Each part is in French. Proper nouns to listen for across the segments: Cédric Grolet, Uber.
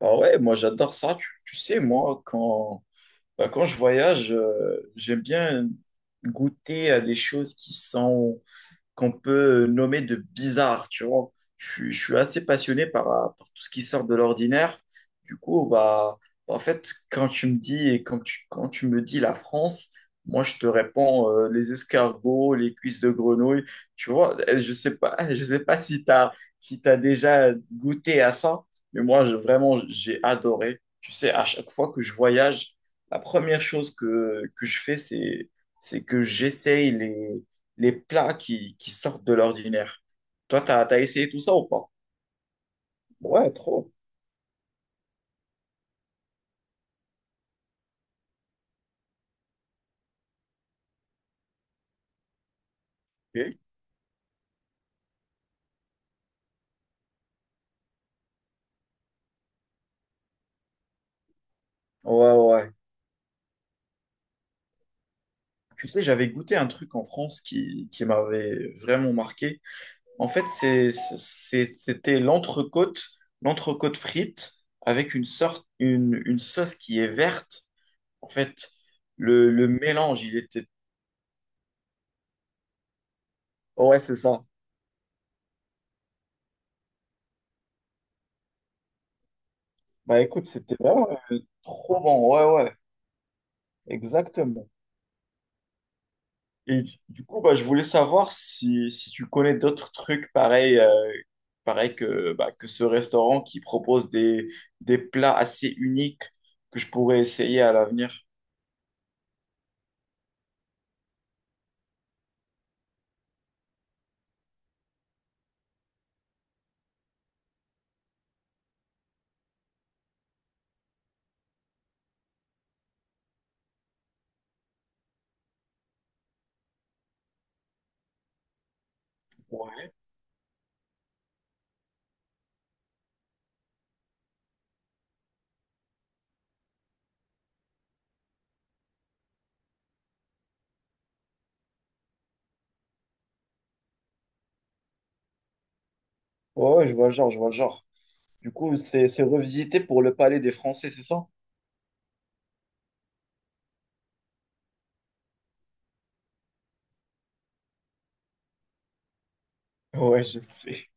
Ah ouais, moi j'adore ça. Tu sais, moi, quand je voyage, j'aime bien goûter à des choses qui sont qu'on peut nommer de bizarre, tu vois. Je suis assez passionné par tout ce qui sort de l'ordinaire. Du coup, bah, en fait, quand tu me dis et quand tu me dis la France, moi, je te réponds les escargots, les cuisses de grenouille. Tu vois, je sais pas, je sais pas si tu déjà goûté à ça, mais moi, je, vraiment, j'ai adoré. Tu sais, à chaque fois que je voyage, la première chose que je fais, c'est que j'essaye les plats qui sortent de l'ordinaire. Toi, t'as essayé tout ça ou pas? Ouais, trop. Ok. Ouais, ouais, ouais. Tu sais, j'avais goûté un truc en France qui m'avait vraiment marqué. En fait, c'était l'entrecôte, l'entrecôte frite avec une sorte, une sauce qui est verte. En fait, le mélange, il était... Ouais, c'est ça. Bah écoute, c'était vraiment trop bon. Ouais, ouais, exactement. Et du coup, bah, je voulais savoir si tu connais d'autres trucs pareils que ce restaurant qui propose des plats assez uniques que je pourrais essayer à l'avenir. Ouais. Ouais, ouais, je vois le genre, je vois le genre. Du coup, c'est revisité pour le palais des Français, c'est ça? Ouais, je sais.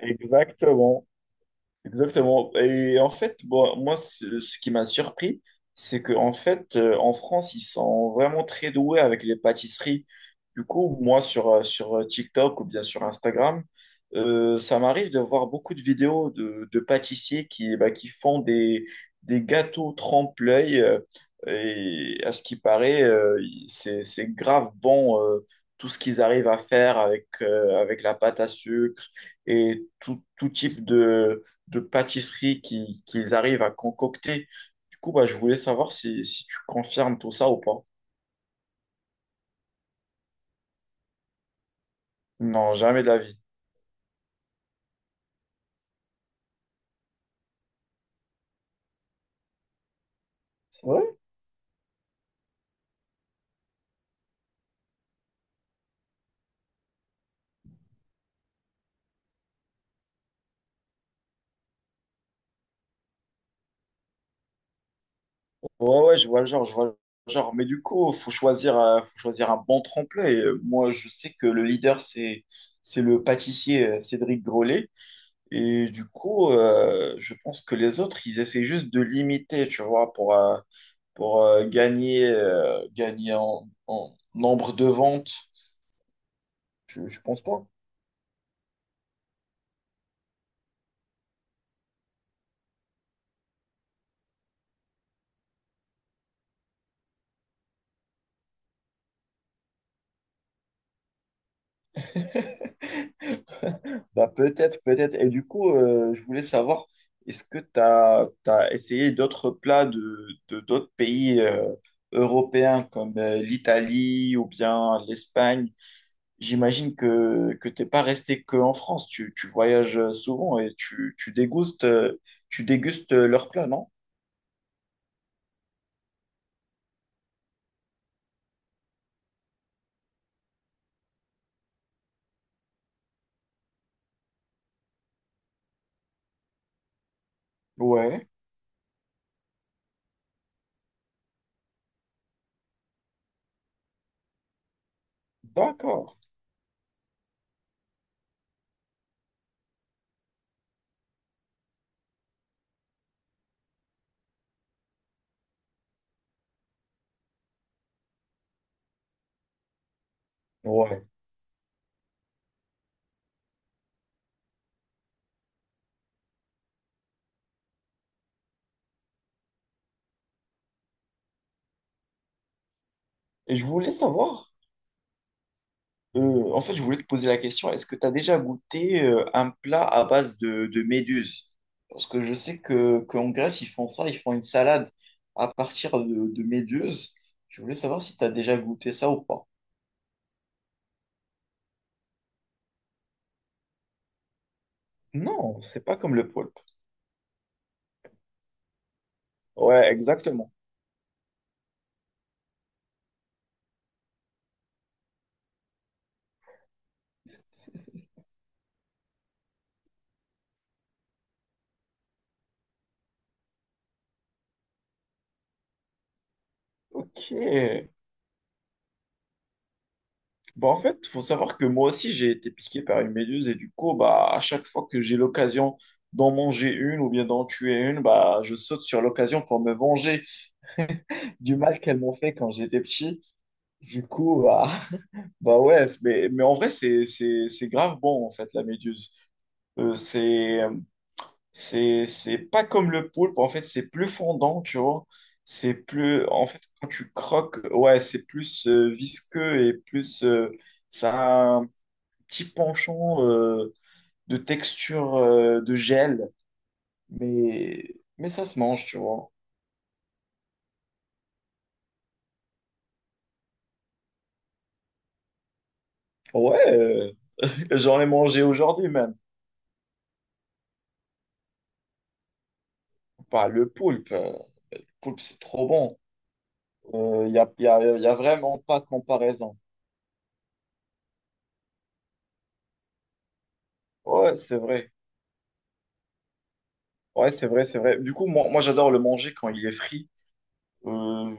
Exactement. Exactement. Et en fait, bon, moi, ce qui m'a surpris, c'est que en fait, en France, ils sont vraiment très doués avec les pâtisseries. Du coup, moi, sur TikTok ou bien sur Instagram, ça m'arrive de voir beaucoup de vidéos de pâtissiers qui, bah, qui font des gâteaux trempe-l'œil. Et à ce qui paraît, c'est grave bon, tout ce qu'ils arrivent à faire avec, avec la pâte à sucre et tout, tout type de pâtisserie qu'ils arrivent à concocter. Du coup, bah, je voulais savoir si tu confirmes tout ça ou pas. Non, jamais de la vie. Ouais. Ouais, ouais, je vois le genre, je vois le genre. Mais du coup, faut choisir un bon tremplin. Et moi, je sais que le leader, c'est le pâtissier Cédric Grolet. Et du coup, je pense que les autres, ils essaient juste de l'imiter, tu vois, pour gagner, gagner en nombre de ventes. Je pense pas. Bah, peut-être, peut-être. Et du coup, je voulais savoir, est-ce que tu as essayé d'autres plats d'autres pays européens comme l'Italie ou bien l'Espagne? J'imagine que t'es pas resté qu'en France. Tu voyages souvent et tu dégustes leurs plats, non? Ouais, d'accord. Ouais. Et je voulais savoir. En fait, je voulais te poser la question, est-ce que tu as déjà goûté un plat à base de méduse? Parce que je sais que qu'en Grèce, ils font ça, ils font une salade à partir de méduse. Je voulais savoir si tu as déjà goûté ça ou pas. Non, c'est pas comme le poulpe. Ouais, exactement. Ok. Bah, en fait, faut savoir que moi aussi, j'ai été piqué par une méduse et du coup, bah, à chaque fois que j'ai l'occasion d'en manger une ou bien d'en tuer une, bah, je saute sur l'occasion pour me venger du mal qu'elles m'ont fait quand j'étais petit. Du coup, bah, bah ouais, mais en vrai, c'est grave bon, en fait, la méduse. Euh, c'est, c'est pas comme le poulpe, en fait, c'est plus fondant, tu vois. C'est plus, en fait, quand tu croques, ouais, c'est plus visqueux et plus, ça a un petit penchant de texture de gel, mais ça se mange, tu vois. Ouais, j'en ai mangé aujourd'hui même. Pas le poulpe, le poulpe, c'est trop bon. Il n'y a vraiment pas de comparaison. Ouais, c'est vrai. Ouais, c'est vrai, c'est vrai. Du coup, moi j'adore le manger quand il est frit. Euh,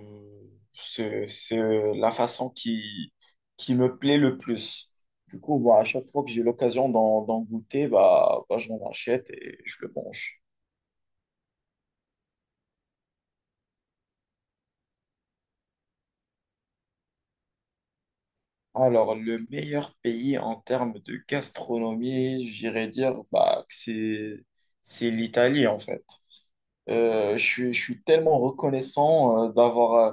c'est la façon qui me plaît le plus. Du coup, bah, à chaque fois que j'ai l'occasion d'en goûter, bah, bah, j'en achète et je le mange. Alors, le meilleur pays en termes de gastronomie, j'irais dire bah, c'est l'Italie, en fait. Je suis tellement reconnaissant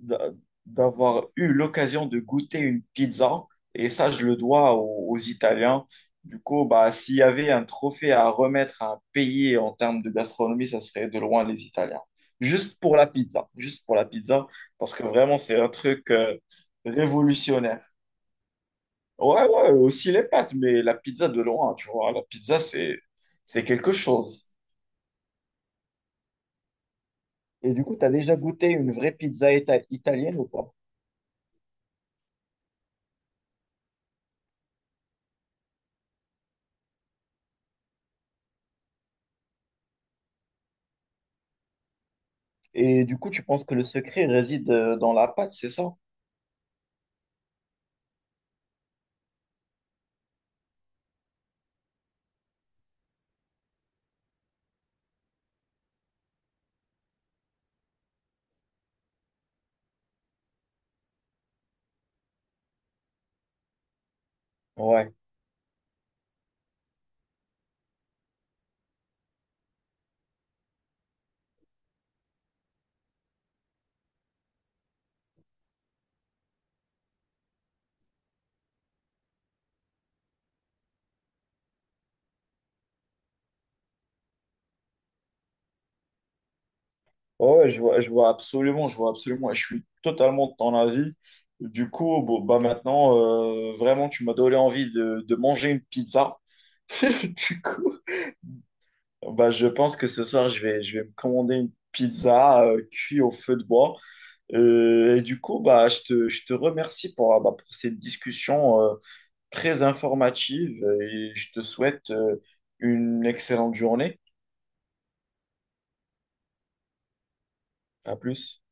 d'a- d'avoir eu l'occasion de goûter une pizza. Et ça, je le dois aux Italiens. Du coup, bah, s'il y avait un trophée à remettre à un pays en termes de gastronomie, ça serait de loin les Italiens. Juste pour la pizza. Juste pour la pizza. Parce que vraiment, c'est un truc révolutionnaire. Ouais, ouais, aussi les pâtes, mais la pizza de loin, tu vois. La pizza, c'est quelque chose. Et du coup, tu as déjà goûté une vraie pizza italienne ou pas? Et du coup, tu penses que le secret réside dans la pâte, c'est ça? Ouais, ouais, je vois absolument, et je suis totalement de ton avis. Du coup, bon, bah maintenant, vraiment, tu m'as donné envie de manger une pizza. Du coup, bah, je pense que ce soir, je vais me commander une pizza cuite au feu de bois. Et du coup, bah, je te remercie pour, ah, bah, pour cette discussion très informative et je te souhaite une excellente journée. À plus.